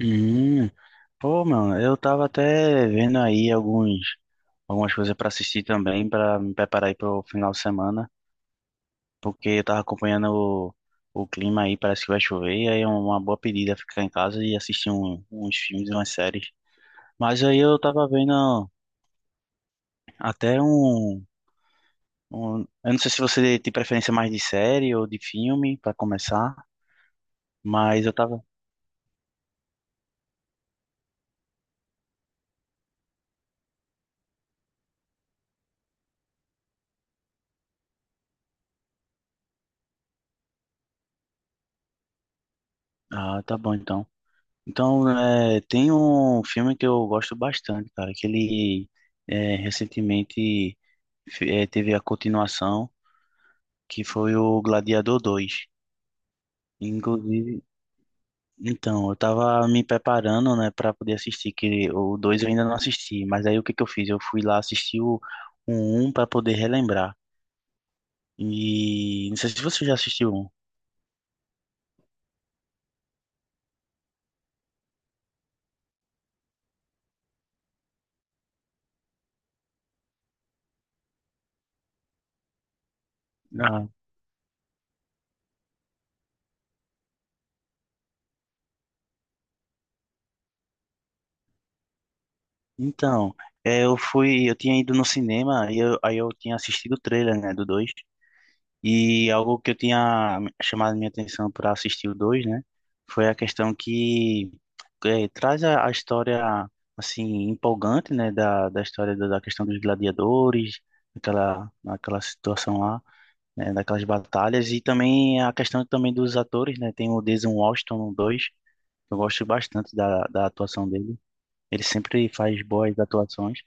Hum, Pô, mano, eu tava até vendo algumas coisas pra assistir também, pra me preparar aí pro final de semana, porque eu tava acompanhando o clima aí, parece que vai chover, e aí é uma boa pedida ficar em casa e assistir uns filmes e umas séries. Mas aí eu tava vendo até eu não sei se você tem preferência mais de série ou de filme pra começar, mas eu tava, ah, tá bom então. Então, é, tem um filme que eu gosto bastante, cara, que ele é, recentemente é, teve a continuação, que foi o Gladiador dois. Inclusive, então, eu tava me preparando, né, para poder assistir, que o 2 eu ainda não assisti, mas aí o que que eu fiz? Eu fui lá assistir o 1 para poder relembrar. E não sei se você já assistiu o 1. Ah, então, é, eu fui, eu tinha ido no cinema e eu, aí eu tinha assistido o trailer, né, do dois. E algo que eu tinha chamado minha atenção para assistir o 2, né? Foi a questão que eh, traz a história, assim, empolgante, né? Da história da questão dos gladiadores, aquela situação lá, né? Daquelas batalhas. E também a questão também dos atores, né? Tem o Denzel Washington no 2, que eu gosto bastante da atuação dele. Ele sempre faz boas atuações.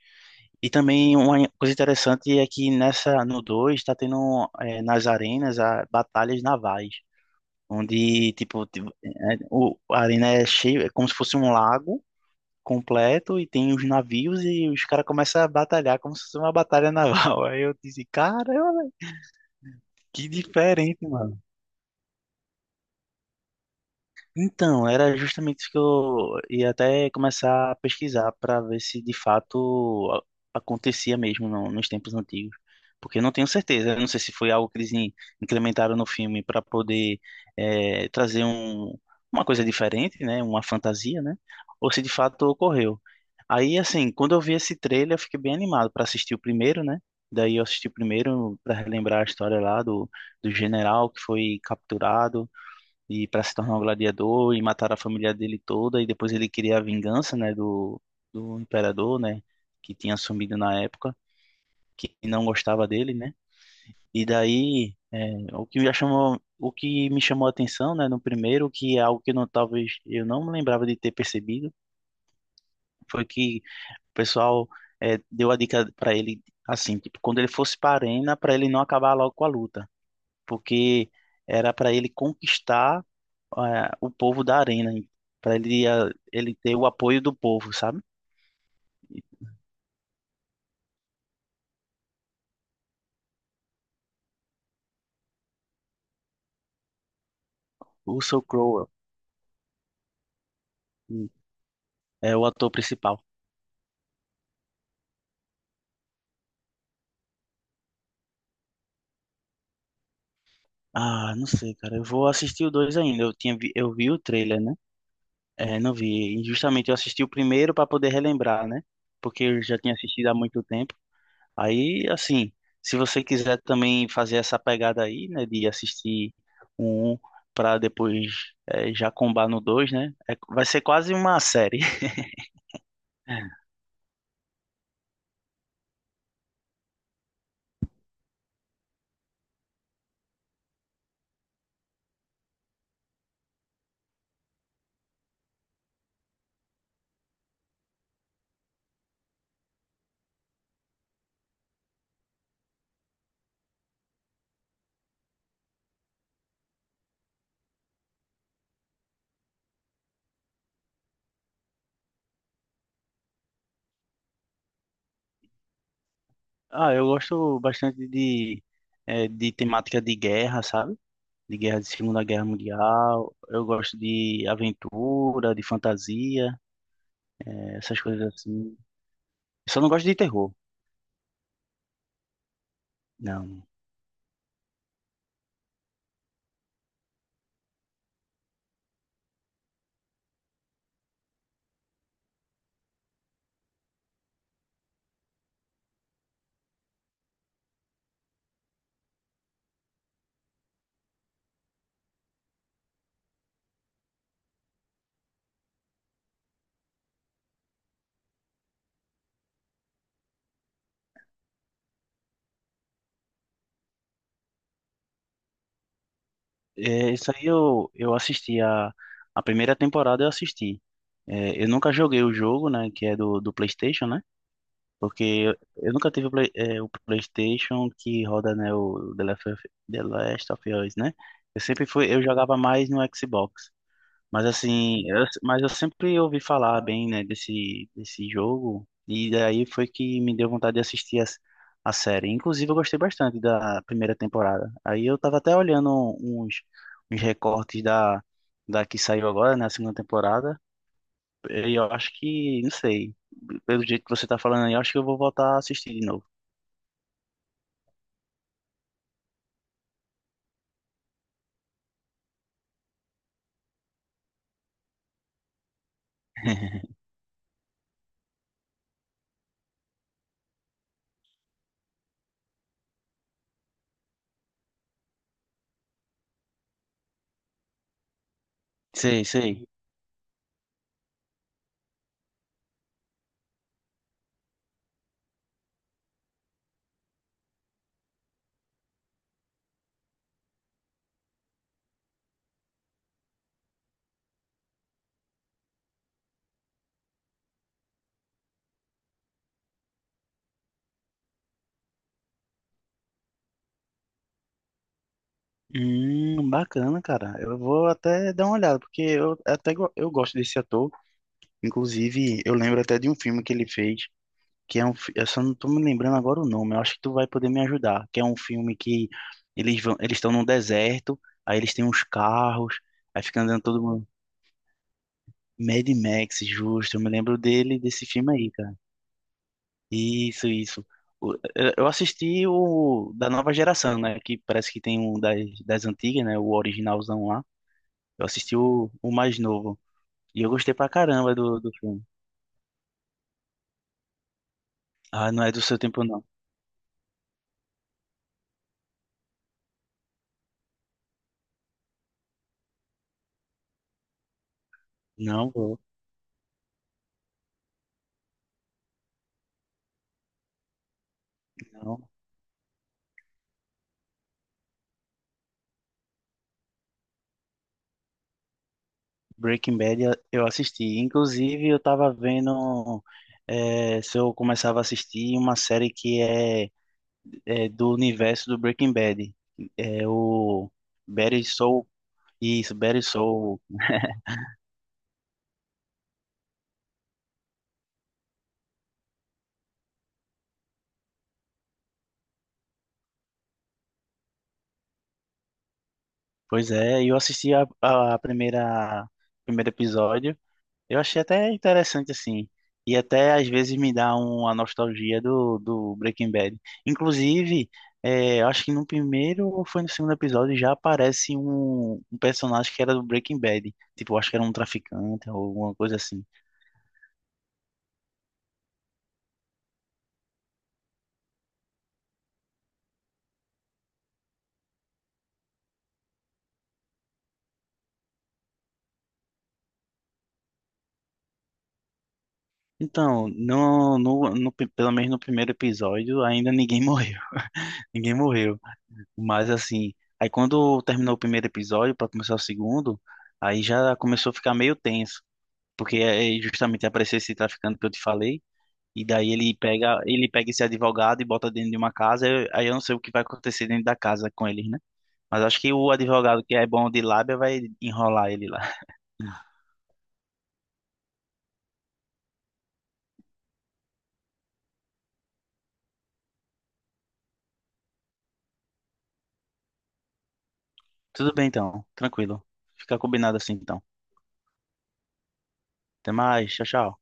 E também uma coisa interessante é que nessa no 2 está tendo nas arenas batalhas navais, onde tipo, a arena é cheia, é como se fosse um lago completo e tem os navios e os caras começam a batalhar como se fosse uma batalha naval. Aí eu disse, cara, que diferente, mano. Então, era justamente isso que eu ia até começar a pesquisar para ver se de fato acontecia mesmo nos tempos antigos. Porque eu não tenho certeza, eu não sei se foi algo que eles incrementaram no filme para poder eh, trazer uma coisa diferente, né? Uma fantasia, né? Ou se de fato ocorreu. Aí, assim, quando eu vi esse trailer, eu fiquei bem animado para assistir o primeiro, né? Daí eu assisti o primeiro para relembrar a história lá do general que foi capturado e para se tornar um gladiador e matar a família dele toda e depois ele queria a vingança, né, do imperador, né, que tinha assumido na época, que não gostava dele, né? E daí é, o que me chamou a atenção, né, no primeiro, que é algo que eu talvez eu não me lembrava de ter percebido, foi que o pessoal é, deu a dica para ele assim, tipo, quando ele fosse para a arena, para ele não acabar logo com a luta, porque era para ele conquistar é, o povo da arena, para ele, é, ele ter o apoio do povo, sabe? O Russell Crowe é o ator principal. Ah, não sei, cara. Eu vou assistir o dois ainda. Eu vi o trailer, né? É, não vi. E justamente eu assisti o primeiro para poder relembrar, né? Porque eu já tinha assistido há muito tempo. Aí, assim, se você quiser também fazer essa pegada aí, né, de assistir o um para depois é, já combar no dois, né? É, vai ser quase uma série. Ah, eu gosto bastante de, de temática de guerra, sabe? De guerra de Segunda Guerra Mundial. Eu gosto de aventura, de fantasia, eh, essas coisas assim. Só não gosto de terror, não. Eh, isso aí eu assisti a primeira temporada, eu assisti. Eh, eu nunca joguei o jogo, né? Que é do PlayStation, né? Porque eu nunca tive o PlayStation que roda, né? O The Last of Us, né? Eu sempre fui, eu jogava mais no Xbox. Mas assim, eu, mas eu sempre ouvi falar bem, né, desse jogo, e daí foi que me deu vontade de assistir a série. Inclusive, eu gostei bastante da primeira temporada. Aí eu tava até olhando uns, uns recortes da que saiu agora, né, a segunda temporada, e eu acho que, não sei, pelo jeito que você tá falando aí, eu acho que eu vou voltar a assistir de novo. Sei, sei. Bacana, cara. Eu vou até dar uma olhada, porque eu até eu gosto desse ator. Inclusive, eu lembro até de um filme que ele fez, que é um, eu só não tô me lembrando agora o nome, eu acho que tu vai poder me ajudar, que é um filme que eles vão, eles estão num deserto, aí eles têm uns carros, aí fica andando todo mundo. Mad Max, justo, eu me lembro dele, desse filme aí, cara. Isso, isso. Eu assisti o da nova geração, né, que parece que tem um das, das antigas, né, o originalzão lá. Eu assisti o mais novo, e eu gostei pra caramba do filme. Ah, não é do seu tempo, não. Não vou. Breaking Bad eu assisti. Inclusive, eu tava vendo se eu começava a assistir uma série que é, é do universo do Breaking Bad. É o Better Soul. Isso, Better Soul. Pois é, eu assisti a primeira primeiro episódio. Eu achei até interessante, assim. E até às vezes me dá uma nostalgia do Breaking Bad. Inclusive, é, eu acho que no primeiro ou foi no segundo episódio já aparece um personagem que era do Breaking Bad. Tipo, eu acho que era um traficante ou alguma coisa assim. Então, pelo menos no primeiro episódio, ainda ninguém morreu. Ninguém morreu. Mas assim, aí quando terminou o primeiro episódio para começar o segundo, aí já começou a ficar meio tenso, porque é justamente aparecer esse traficante que eu te falei, e daí ele pega esse advogado e bota dentro de uma casa, aí eu não sei o que vai acontecer dentro da casa com eles, né? Mas acho que o advogado que é bom de lábia vai enrolar ele lá. Tudo bem então, tranquilo. Fica combinado assim então. Até mais, tchau, tchau.